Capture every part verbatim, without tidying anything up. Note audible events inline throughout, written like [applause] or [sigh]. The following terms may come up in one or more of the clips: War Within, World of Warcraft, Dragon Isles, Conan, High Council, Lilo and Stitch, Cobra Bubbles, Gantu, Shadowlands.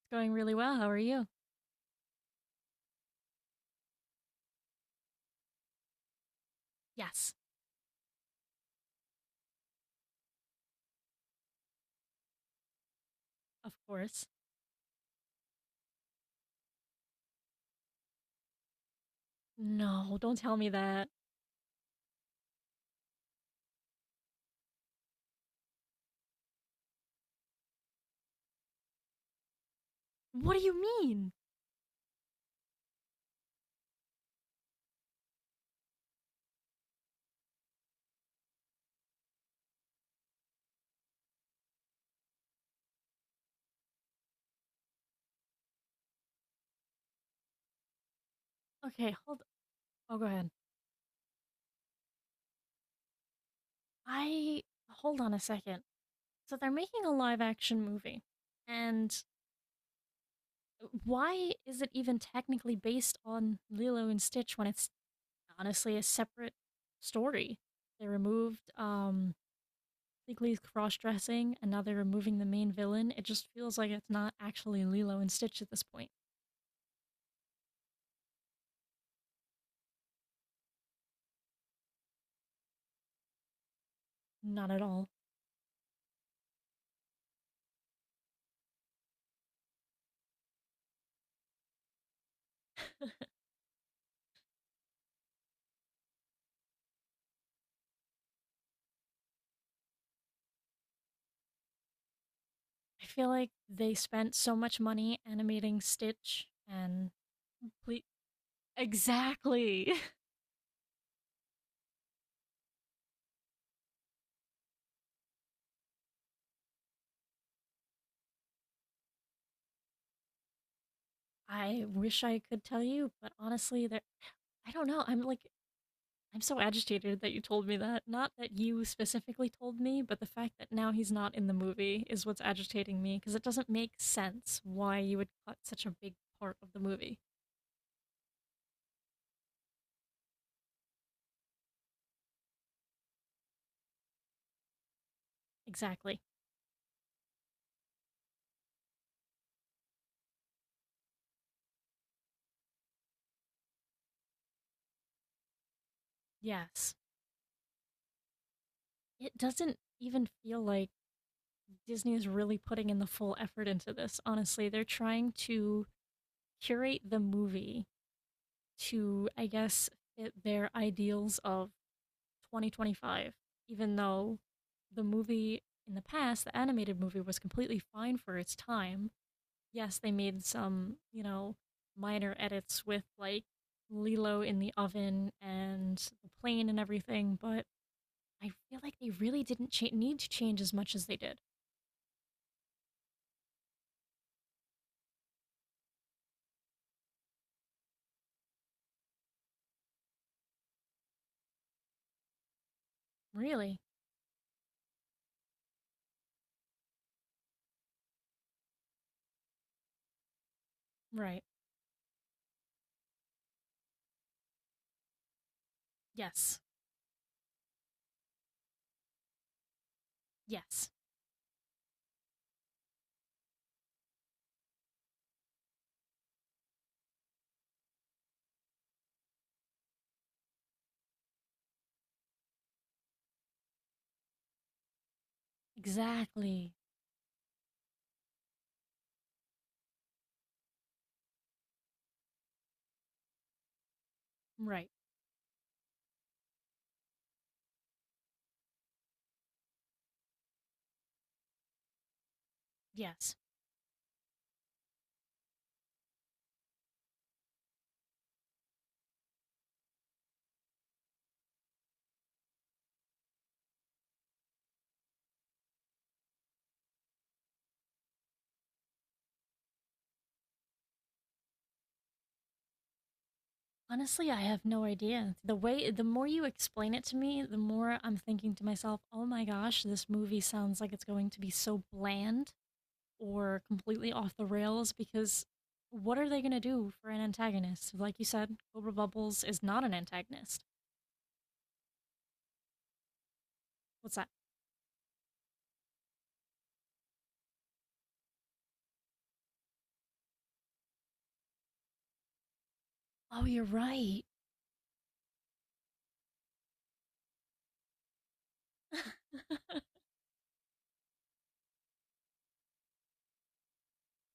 It's going really well. How are you? Yes. Of course. No, don't tell me that. What do you mean? Okay, hold. Oh, go ahead. I hold on a second. So they're making a live action movie, and why is it even technically based on Lilo and Stitch when it's honestly a separate story? They removed um Legally cross dressing, and now they're removing the main villain. It just feels like it's not actually Lilo and Stitch at this point. Not at all. I feel like they spent so much money animating Stitch and complete Exactly. [laughs] I wish I could tell you, but honestly, there I don't know. I'm like I'm so agitated that you told me that. Not that you specifically told me, but the fact that now he's not in the movie is what's agitating me because it doesn't make sense why you would cut such a big part of the movie. Exactly. Yes. It doesn't even feel like Disney is really putting in the full effort into this. Honestly, they're trying to curate the movie to, I guess, fit their ideals of twenty twenty-five, even though the movie in the past, the animated movie, was completely fine for its time. Yes, they made some, you know, minor edits with like Lilo in the oven and the plane and everything, but I feel like they really didn't cha- need to change as much as they did. Really? Right. Yes. Yes, exactly. Right. Yes. Honestly, I have no idea. The way, the more you explain it to me, the more I'm thinking to myself, oh my gosh, this movie sounds like it's going to be so bland or completely off the rails because what are they going to do for an antagonist? Like you said, Cobra Bubbles is not an antagonist. What's that? Oh, you're right.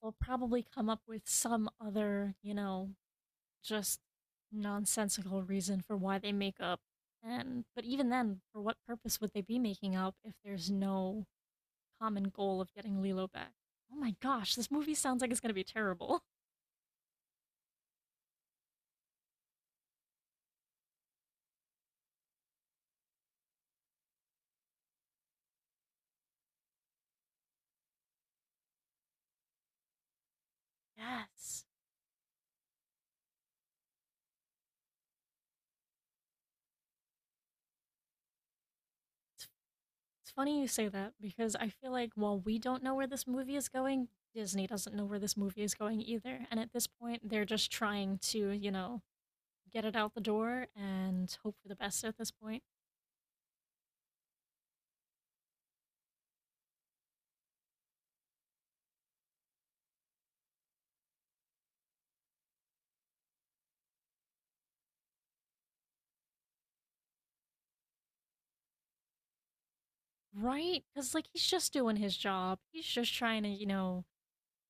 They'll probably come up with some other, you know, just nonsensical reason for why they make up. And but even then, for what purpose would they be making up if there's no common goal of getting Lilo back? Oh my gosh, this movie sounds like it's gonna be terrible. Yes. It's, it's funny you say that because I feel like while we don't know where this movie is going, Disney doesn't know where this movie is going either. And at this point, they're just trying to, you know, get it out the door and hope for the best at this point. Right? Because, like, he's just doing his job. He's just trying to, you know,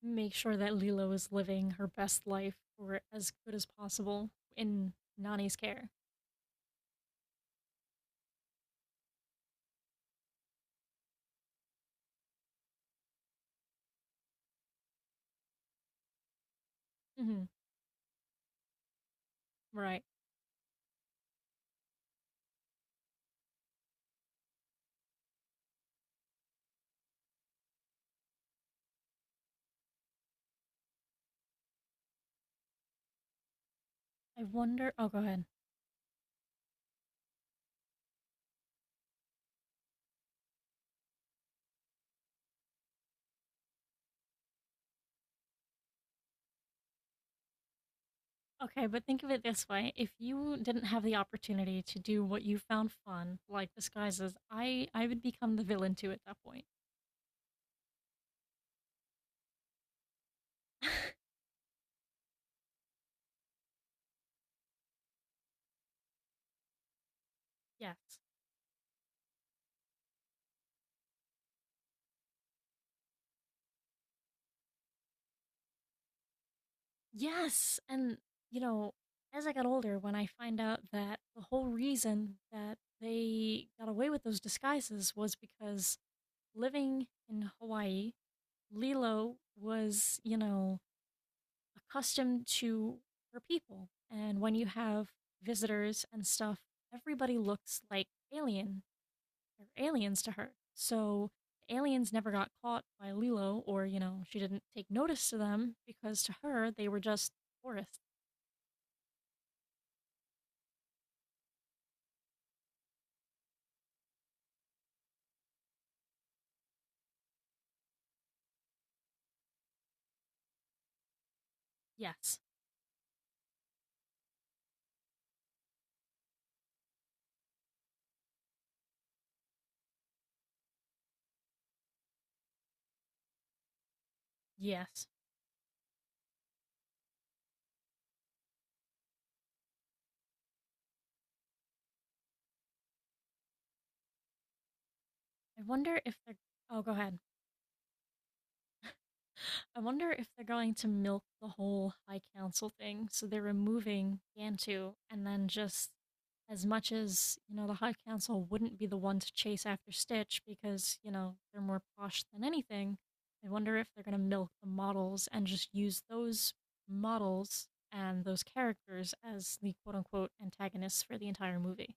make sure that Lilo is living her best life or as good as possible in Nani's care. Hmm. Right. I wonder. Oh, go ahead. Okay, but think of it this way. If you didn't have the opportunity to do what you found fun, like disguises, I I would become the villain too at that point. [laughs] Yes. Yes. And, you know, as I got older, when I find out that the whole reason that they got away with those disguises was because living in Hawaii Lilo was, you know, accustomed to her people. And when you have visitors and stuff, everybody looks like alien They're aliens to her. So the aliens never got caught by Lilo or, you know, she didn't take notice to them because to her they were just tourists. Yes. Yes. I wonder if they're Oh, go ahead. I wonder if they're going to milk the whole High Council thing. So they're removing Gantu, and then just as much as, you know, the High Council wouldn't be the one to chase after Stitch because, you know, they're more posh than anything, I wonder if they're going to milk the models and just use those models and those characters as the quote unquote antagonists for the entire movie.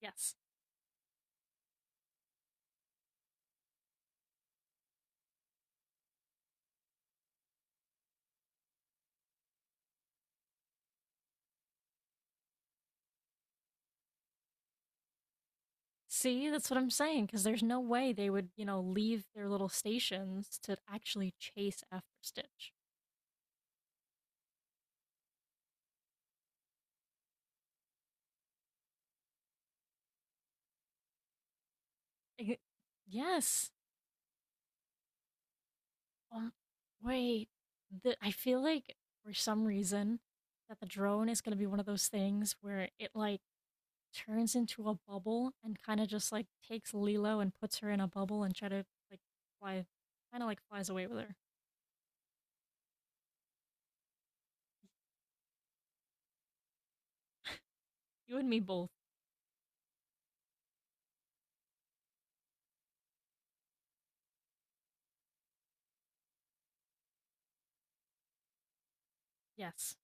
Yes. See, that's what I'm saying, because there's no way they would, you know, leave their little stations to actually chase after Stitch. I- yes. Um, wait. The, I feel like for some reason that the drone is going to be one of those things where it like turns into a bubble and kind of just like takes Lilo and puts her in a bubble and try to like fly, kind of like flies away with her. You and me both. Yes.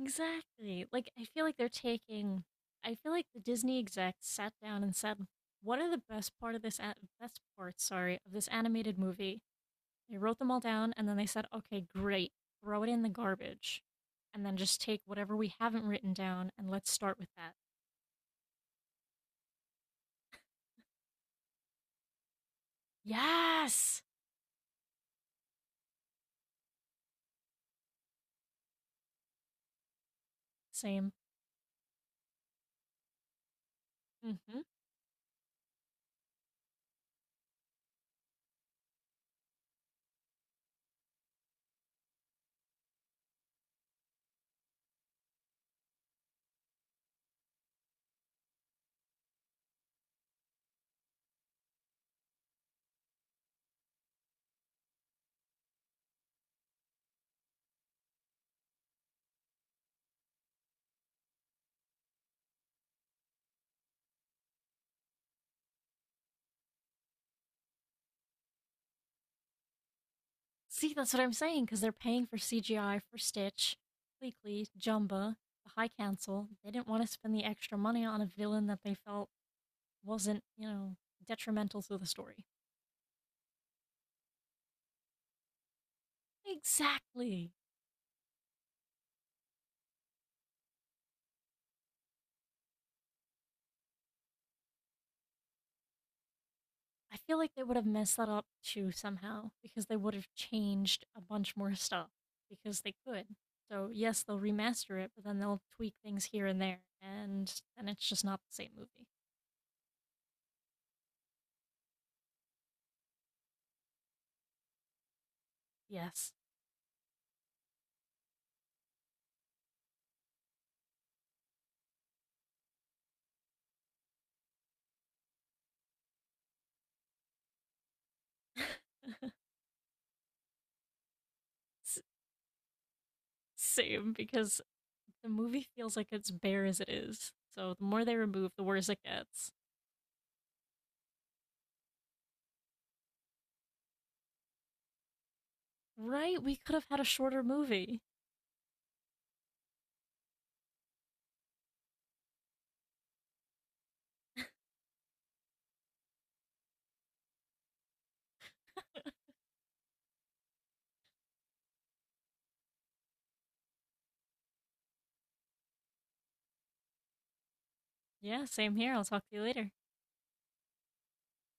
Exactly. Like, I feel like they're taking. I feel like the Disney execs sat down and said, "What are the best part of this a- best parts? Sorry, of this animated movie." They wrote them all down, and then they said, "Okay, great. Throw it in the garbage, and then just take whatever we haven't written down, and let's start with that." Yes. Same. Mm-hmm. See, that's what I'm saying. Because they're paying for C G I for Stitch, Bleakley, Jumba, the High Council. They didn't want to spend the extra money on a villain that they felt wasn't, you know, detrimental to the story. Exactly. I feel like they would have messed that up too somehow because they would have changed a bunch more stuff because they could. So, yes, they'll remaster it, but then they'll tweak things here and there, and then it's just not the same movie. Yes. [laughs] Same, because the movie feels like it's bare as it is. So, the more they remove, the worse it gets. Right? We could have had a shorter movie. Yeah, same here. I'll talk to you later.